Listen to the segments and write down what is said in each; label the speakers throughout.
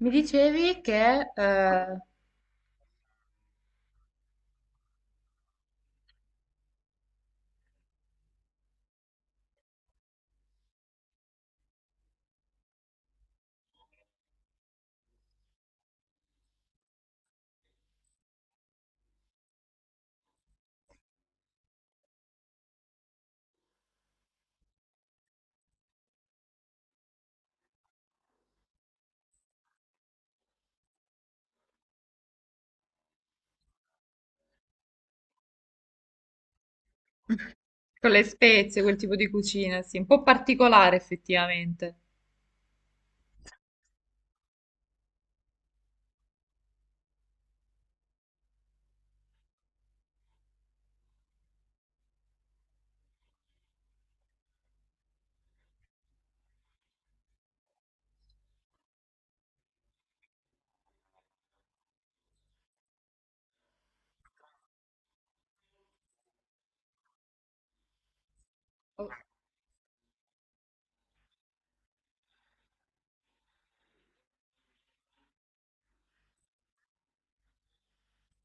Speaker 1: Mi dicevi che... con le spezie, quel tipo di cucina, sì, un po' particolare effettivamente.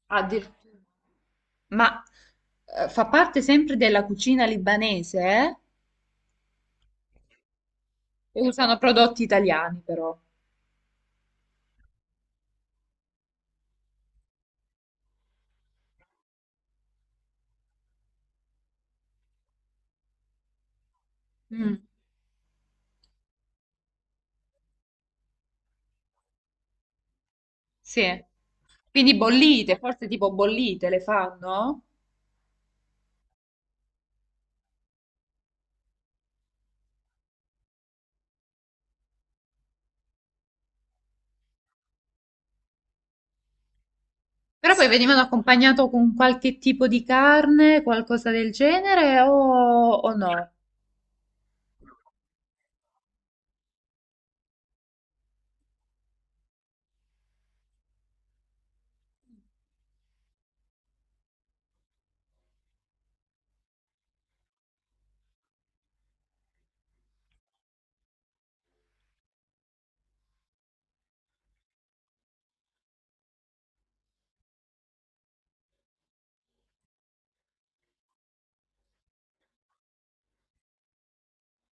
Speaker 1: Addirittura- ma fa parte sempre della cucina libanese, eh? E usano prodotti italiani però. Mm, sì. Quindi bollite, forse tipo bollite le fanno? Però poi venivano accompagnato con qualche tipo di carne, qualcosa del genere, o no?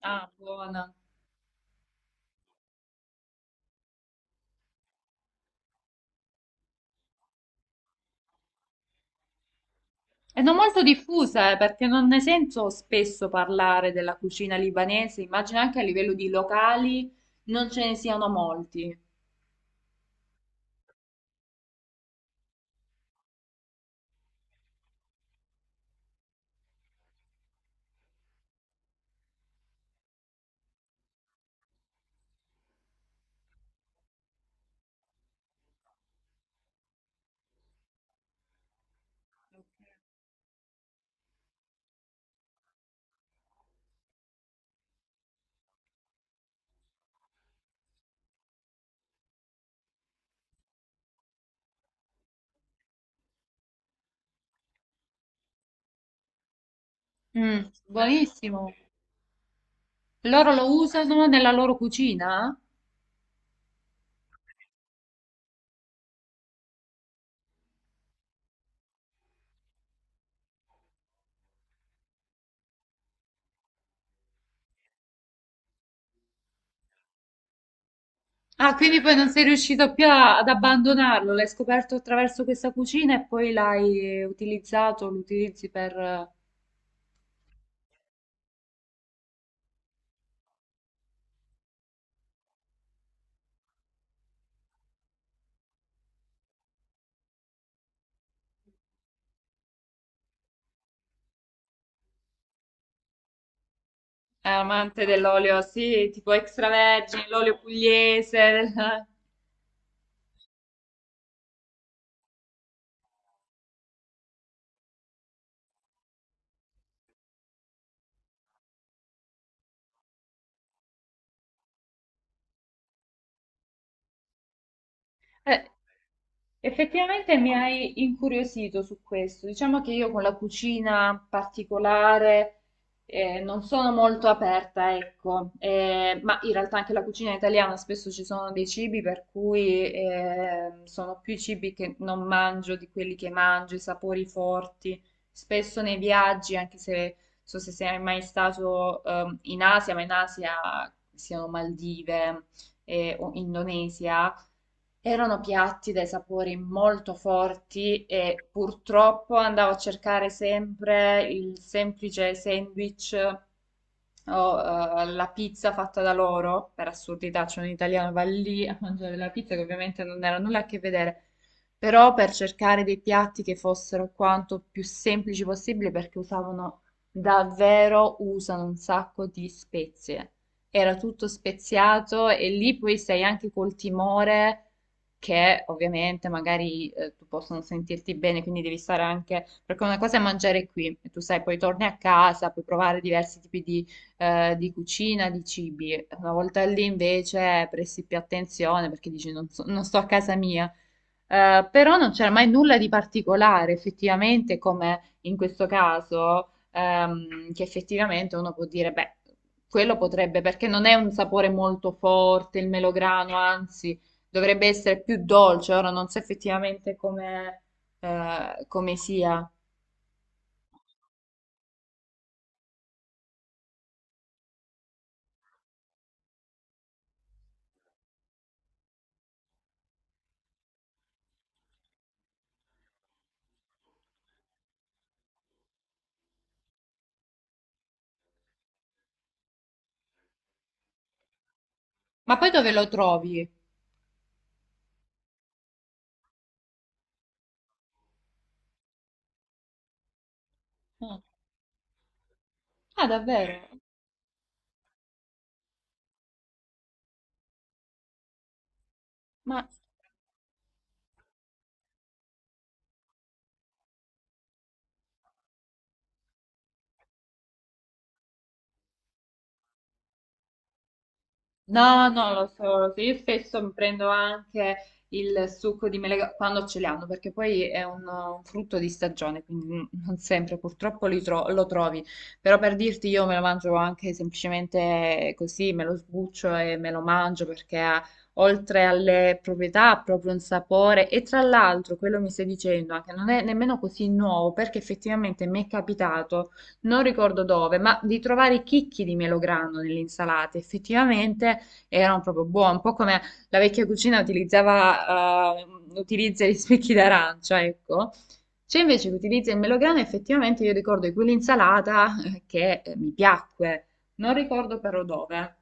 Speaker 1: Ah, buona. E non molto diffusa, perché non ne sento spesso parlare della cucina libanese, immagino anche a livello di locali non ce ne siano molti. Mm, buonissimo. Loro lo usano nella loro cucina? Ah, quindi poi non sei riuscito più a- ad abbandonarlo, l'hai scoperto attraverso questa cucina e poi l'hai utilizzato, lo utilizzi per... amante dell'olio, sì, tipo extravergine, l'olio pugliese. Eh, effettivamente mi hai incuriosito su questo. Diciamo che io con la cucina particolare non sono molto aperta, ecco. Ma in realtà anche la cucina italiana spesso ci sono dei cibi per cui sono più i cibi che non mangio di quelli che mangio, i sapori forti. Spesso nei viaggi, anche se so se sei mai stato in Asia, ma in Asia siano Maldive o Indonesia. Erano piatti dai sapori molto forti e purtroppo andavo a cercare sempre il semplice sandwich, ho la pizza fatta da loro, per assurdità, c'è un italiano va lì a mangiare la pizza che ovviamente non era nulla a che vedere, però per cercare dei piatti che fossero quanto più semplici possibile perché usavano davvero, usano un sacco di spezie. Era tutto speziato e lì poi sei anche col timore che ovviamente magari tu possono sentirti bene, quindi devi stare anche perché una cosa è mangiare qui e tu sai, poi torni a casa, puoi provare diversi tipi di cucina, di cibi. Una volta lì invece presti più attenzione perché dici non, so- non sto a casa mia. Però non c'era mai nulla di particolare, effettivamente, come in questo caso, che effettivamente uno può dire, beh, quello potrebbe, perché non è un sapore molto forte, il melograno, anzi, dovrebbe essere più dolce. Ora non so effettivamente come, come sia. Ma poi dove lo trovi? Ah, ah, davvero? Ma no, non lo so, io spesso mi prendo anche il succo di mele quando ce li hanno, perché poi è un frutto di stagione, quindi non sempre purtroppo li tro- lo trovi, però per dirti io me lo mangio anche semplicemente così, me lo sbuccio e me lo mangio perché ha, oltre alle proprietà ha proprio un sapore e tra l'altro quello mi stai dicendo anche non è nemmeno così nuovo perché effettivamente mi è capitato non ricordo dove, ma di trovare i chicchi di melograno nell'insalata. Effettivamente erano proprio buone, un po' come la vecchia cucina utilizzava, utilizza gli spicchi d'arancia, ecco. C'è invece che utilizza il melograno, effettivamente io ricordo di quell'insalata che mi piacque, non ricordo però dove.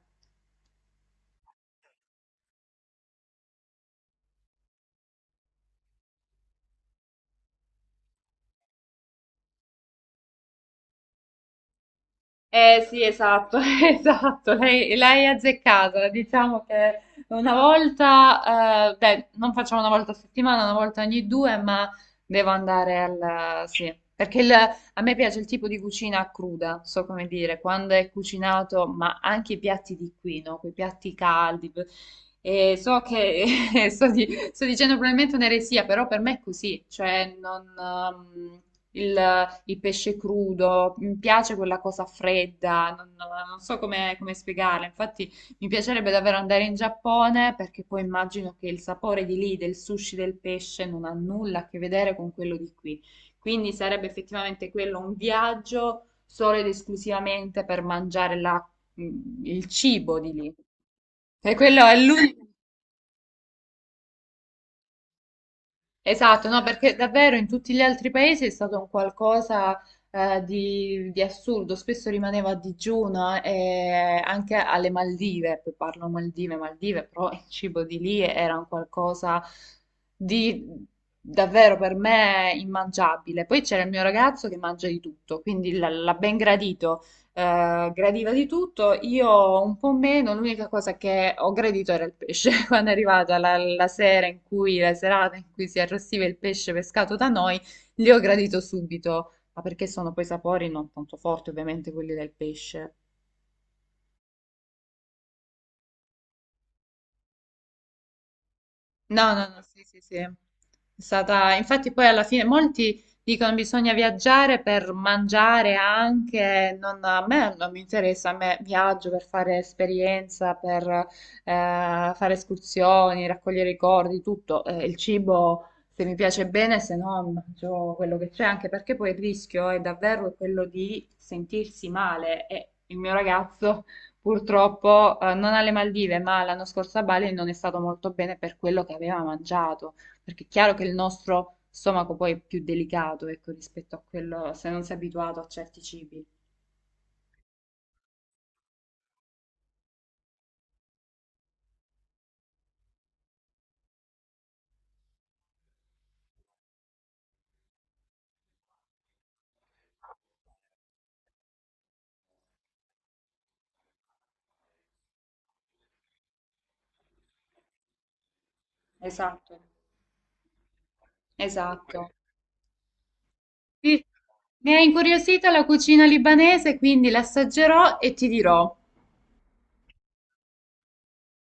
Speaker 1: Eh sì, esatto, esatto, lei è azzeccata, diciamo che una volta, beh, non facciamo una volta a settimana, una volta ogni due, ma devo andare al... sì, perché il- a me piace il tipo di cucina cruda, so come dire, quando è cucinato, ma anche i piatti di qui, no? Quei piatti caldi, e so che sto, di- sto dicendo probabilmente un'eresia, però per me è così, cioè non... il, il pesce crudo, mi piace quella cosa fredda, non, non so come, come spiegarla. Infatti, mi piacerebbe davvero andare in Giappone perché poi immagino che il sapore di lì, del sushi, del pesce, non ha nulla a che vedere con quello di qui. Quindi sarebbe effettivamente quello un viaggio solo ed esclusivamente per mangiare la- il cibo di lì. E quello è l'unico. Esatto, no, perché davvero in tutti gli altri paesi è stato un qualcosa di assurdo, spesso rimaneva a digiuno e anche alle Maldive, poi parlo Maldive, Maldive, però il cibo di lì era un qualcosa di davvero per me immangiabile. Poi c'era il mio ragazzo che mangia di tutto, quindi l- l'ha ben gradito gradiva di tutto, io un po' meno, l'unica cosa che ho gradito era il pesce. Quando è arrivata la, la sera in cui, la serata in cui si arrostiva il pesce pescato da noi, li ho gradito subito, ma perché sono poi sapori non tanto forti ovviamente quelli del pesce. No, no, no, sì, sì, sì. È stata, infatti poi alla fine molti dicono bisogna viaggiare per mangiare anche, non, a me non mi interessa, a me viaggio per fare esperienza, per fare escursioni, raccogliere ricordi, tutto. Il cibo se mi piace bene, se no mangio quello che c'è, anche perché poi il rischio è davvero quello di sentirsi male e il mio ragazzo... Purtroppo, non alle Maldive, ma l'anno scorso a Bali non è stato molto bene per quello che aveva mangiato, perché è chiaro che il nostro stomaco poi è più delicato, ecco, rispetto a quello se non sei abituato a certi cibi. Esatto, esatto. Sì, mi ha incuriosita la cucina libanese, quindi l'assaggerò e ti dirò.